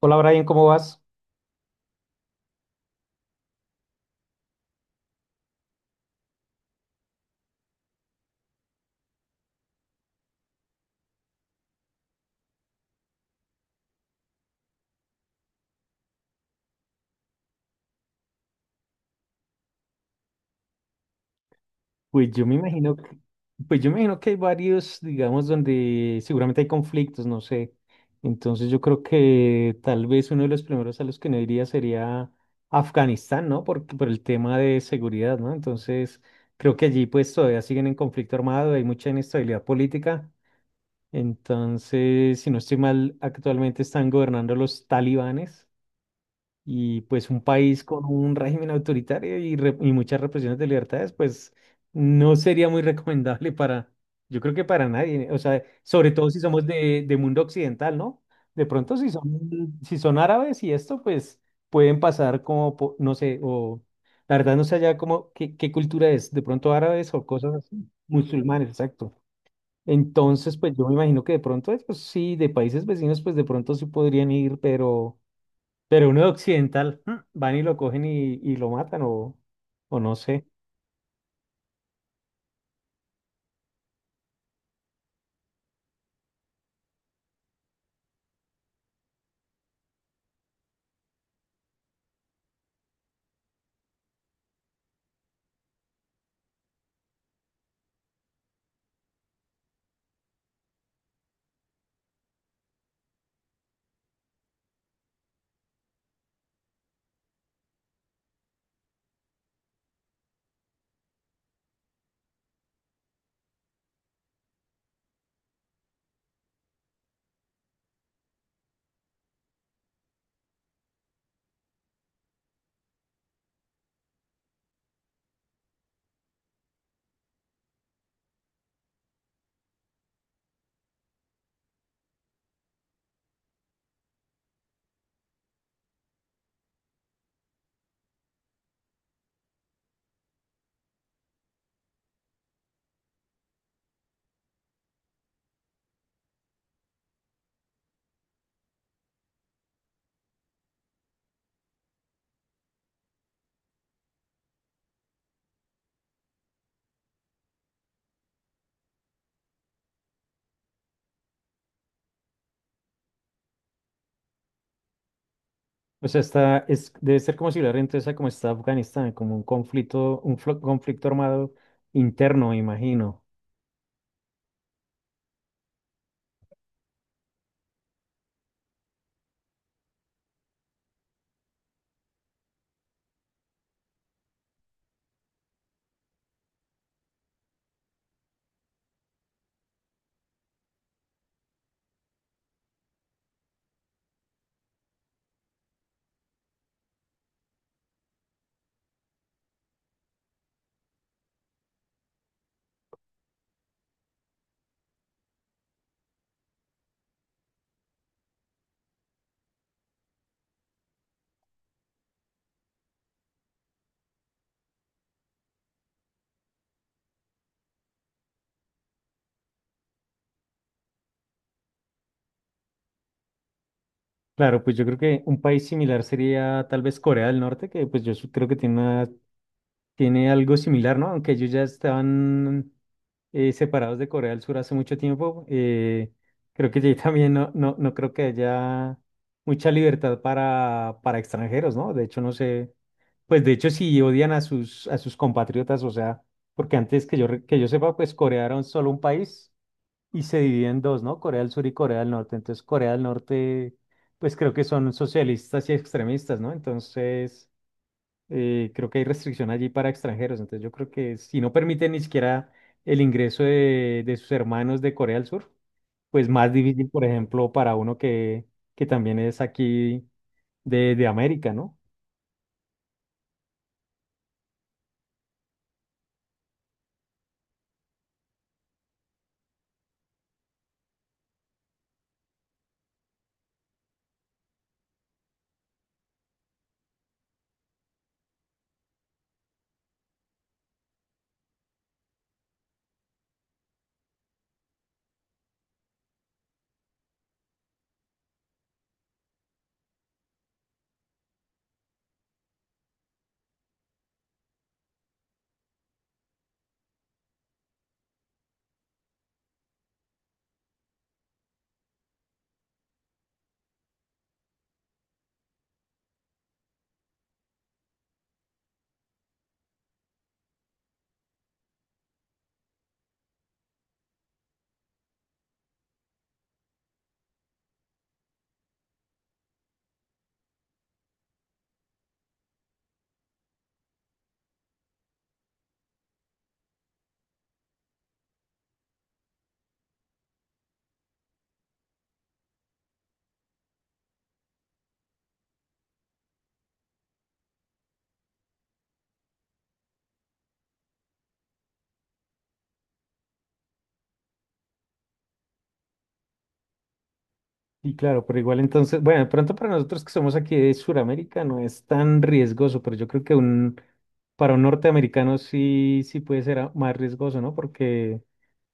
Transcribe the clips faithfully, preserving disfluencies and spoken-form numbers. Hola Brian, ¿cómo vas? Pues yo me imagino que, pues yo me imagino que hay varios, digamos, donde seguramente hay conflictos, no sé. Entonces yo creo que tal vez uno de los primeros a los que no iría sería Afganistán, ¿no? Por, por el tema de seguridad, ¿no? Entonces creo que allí pues todavía siguen en conflicto armado, hay mucha inestabilidad política. Entonces, si no estoy mal, actualmente están gobernando los talibanes. Y pues un país con un régimen autoritario y, re- y muchas represiones de libertades, pues no sería muy recomendable para, yo creo que para nadie, o sea, sobre todo si somos de, de mundo occidental, ¿no? De pronto si son, si son árabes y esto, pues pueden pasar como, po- no sé, o la verdad no sé allá como qué, qué cultura es, de pronto árabes o cosas así, musulmanes, exacto. Entonces, pues yo me imagino que de pronto, eh, pues sí, de países vecinos, pues de pronto sí podrían ir, pero... Pero uno de occidental, mm, van y lo cogen y, y lo matan o, o no sé. O sea, está, es, debe ser como similar entonces a como está Afganistán, como un conflicto, un flo- conflicto armado interno, me imagino. Claro, pues yo creo que un país similar sería tal vez Corea del Norte, que pues yo su- creo que tiene una. Tiene algo similar, ¿no? Aunque ellos ya estaban eh, separados de Corea del Sur hace mucho tiempo. eh, creo que allí también no, no, no creo que haya mucha libertad para, para extranjeros, ¿no? De hecho, no sé, pues de hecho sí odian a sus, a sus compatriotas, o sea, porque antes que yo, re- que yo sepa, pues Corea era un- solo un país y se divide en dos, ¿no? Corea del Sur y Corea del Norte. Entonces, Corea del Norte, pues creo que son socialistas y extremistas, ¿no? Entonces eh, creo que hay restricción allí para extranjeros, entonces yo creo que si no permiten ni siquiera el ingreso de, de sus hermanos de Corea del Sur, pues más difícil, por ejemplo, para uno que, que también es aquí de, de América, ¿no? Y claro, pero igual entonces, bueno, de pronto para nosotros que somos aquí de Sudamérica no es tan riesgoso, pero yo creo que un, para un norteamericano sí, sí puede ser a- más riesgoso, ¿no? Porque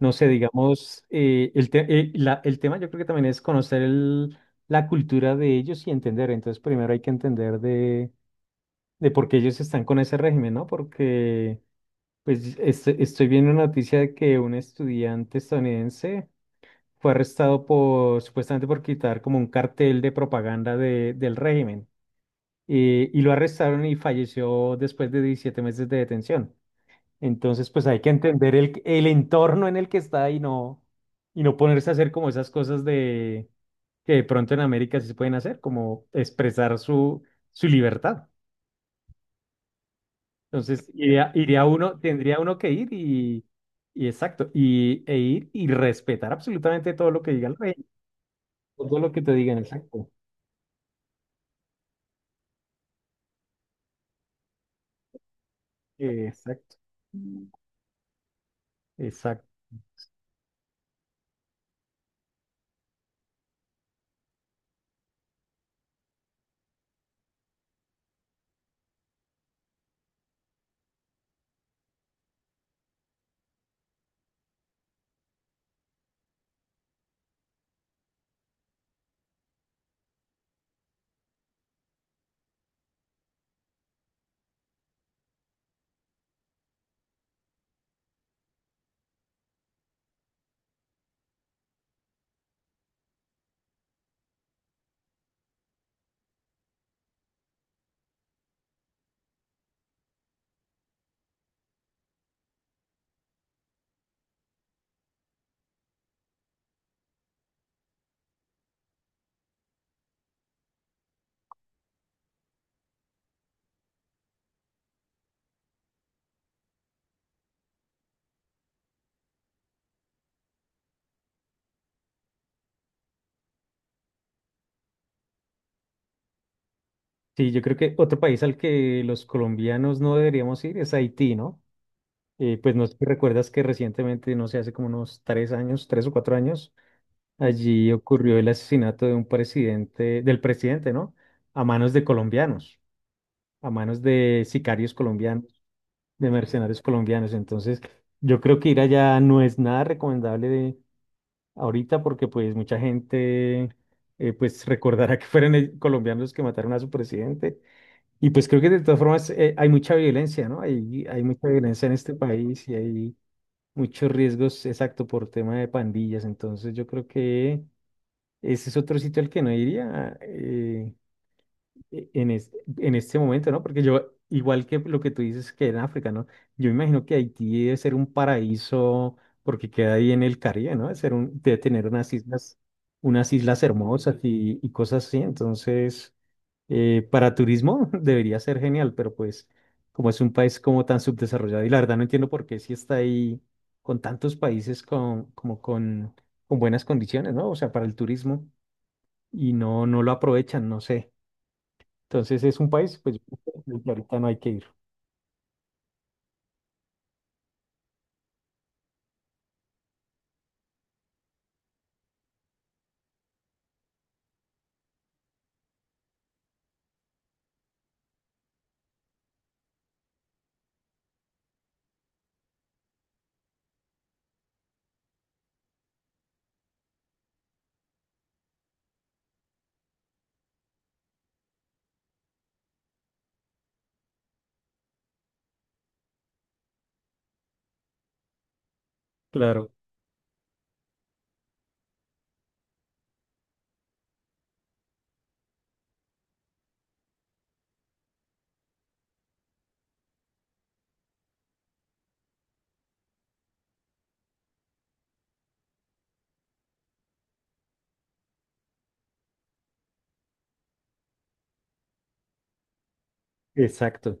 no sé, digamos, eh, el, te- eh, la- el tema yo creo que también es conocer el- la cultura de ellos y entender. Entonces, primero hay que entender de, de por qué ellos están con ese régimen, ¿no? Porque, pues, est- estoy viendo una noticia de que un estudiante estadounidense fue arrestado por, supuestamente por quitar como un cartel de propaganda de- del régimen. Eh, y lo arrestaron y falleció después de diecisiete meses de detención. Entonces, pues hay que entender el, el entorno en el que está y no, y no ponerse a hacer como esas cosas de que de pronto en América sí se pueden hacer, como expresar su, su libertad. Entonces, iría, iría uno, tendría uno que ir y, y exacto, y, e ir y respetar absolutamente todo lo que diga el rey, todo lo que te digan, exacto. Exacto, exacto. Sí, yo creo que otro país al que los colombianos no deberíamos ir es Haití, ¿no? Eh, pues no sé si recuerdas que recientemente, no sé, hace como unos tres años, tres o cuatro años, allí ocurrió el asesinato de un presidente, del presidente, ¿no? A manos de colombianos, a manos de sicarios colombianos, de mercenarios colombianos. Entonces, yo creo que ir allá no es nada recomendable de ahorita porque pues mucha gente eh, pues recordará que fueron el- colombianos los que mataron a su presidente. Y pues creo que de todas formas eh, hay mucha violencia, ¿no? Hay, hay mucha violencia en este país y hay muchos riesgos, exacto, por tema de pandillas. Entonces yo creo que ese es otro sitio al que no iría. eh, e- en, es- en este momento, ¿no? Porque yo, igual que lo que tú dices que en África, ¿no? Yo imagino que Haití debe ser un paraíso porque queda ahí en el Caribe, ¿no? Debe ser un, debe tener unas islas, unas islas hermosas y, y cosas así. Entonces, eh, para turismo debería ser genial, pero pues como es un país como tan subdesarrollado y la verdad no entiendo por qué si está ahí con tantos países con, como con, con buenas condiciones, ¿no? O sea, para el turismo y no, no lo aprovechan, no sé. Entonces es un país, pues el planeta no hay que ir. Claro, exacto.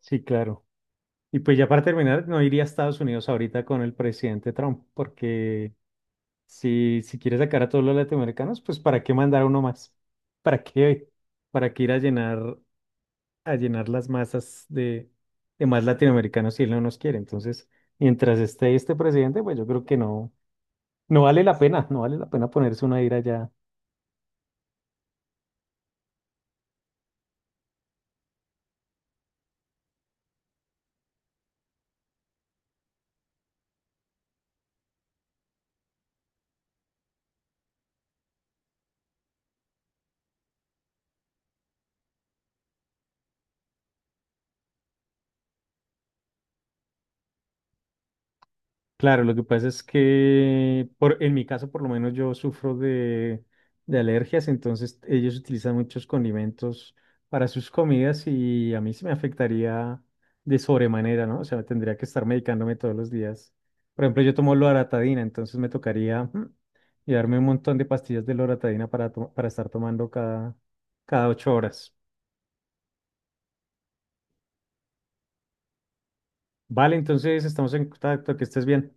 Sí, claro. Y pues ya para terminar, no iría a Estados Unidos ahorita con el presidente Trump, porque si, si quiere sacar a todos los latinoamericanos, pues ¿para qué mandar a uno más? ¿Para qué? ¿Para qué ir a llenar, a llenar las masas de, de más latinoamericanos si él no nos quiere? Entonces, mientras esté este presidente, pues yo creo que no, no vale la pena, no vale la pena ponerse una ira allá. Claro, lo que pasa es que por, en mi caso por lo menos yo sufro de, de alergias, entonces ellos utilizan muchos condimentos para sus comidas y a mí se me afectaría de sobremanera, ¿no? O sea, tendría que estar medicándome todos los días. Por ejemplo, yo tomo loratadina, entonces me tocaría mm, llevarme un montón de pastillas de loratadina para, to- para estar tomando cada, cada ocho horas. Vale, entonces estamos en contacto, que estés bien.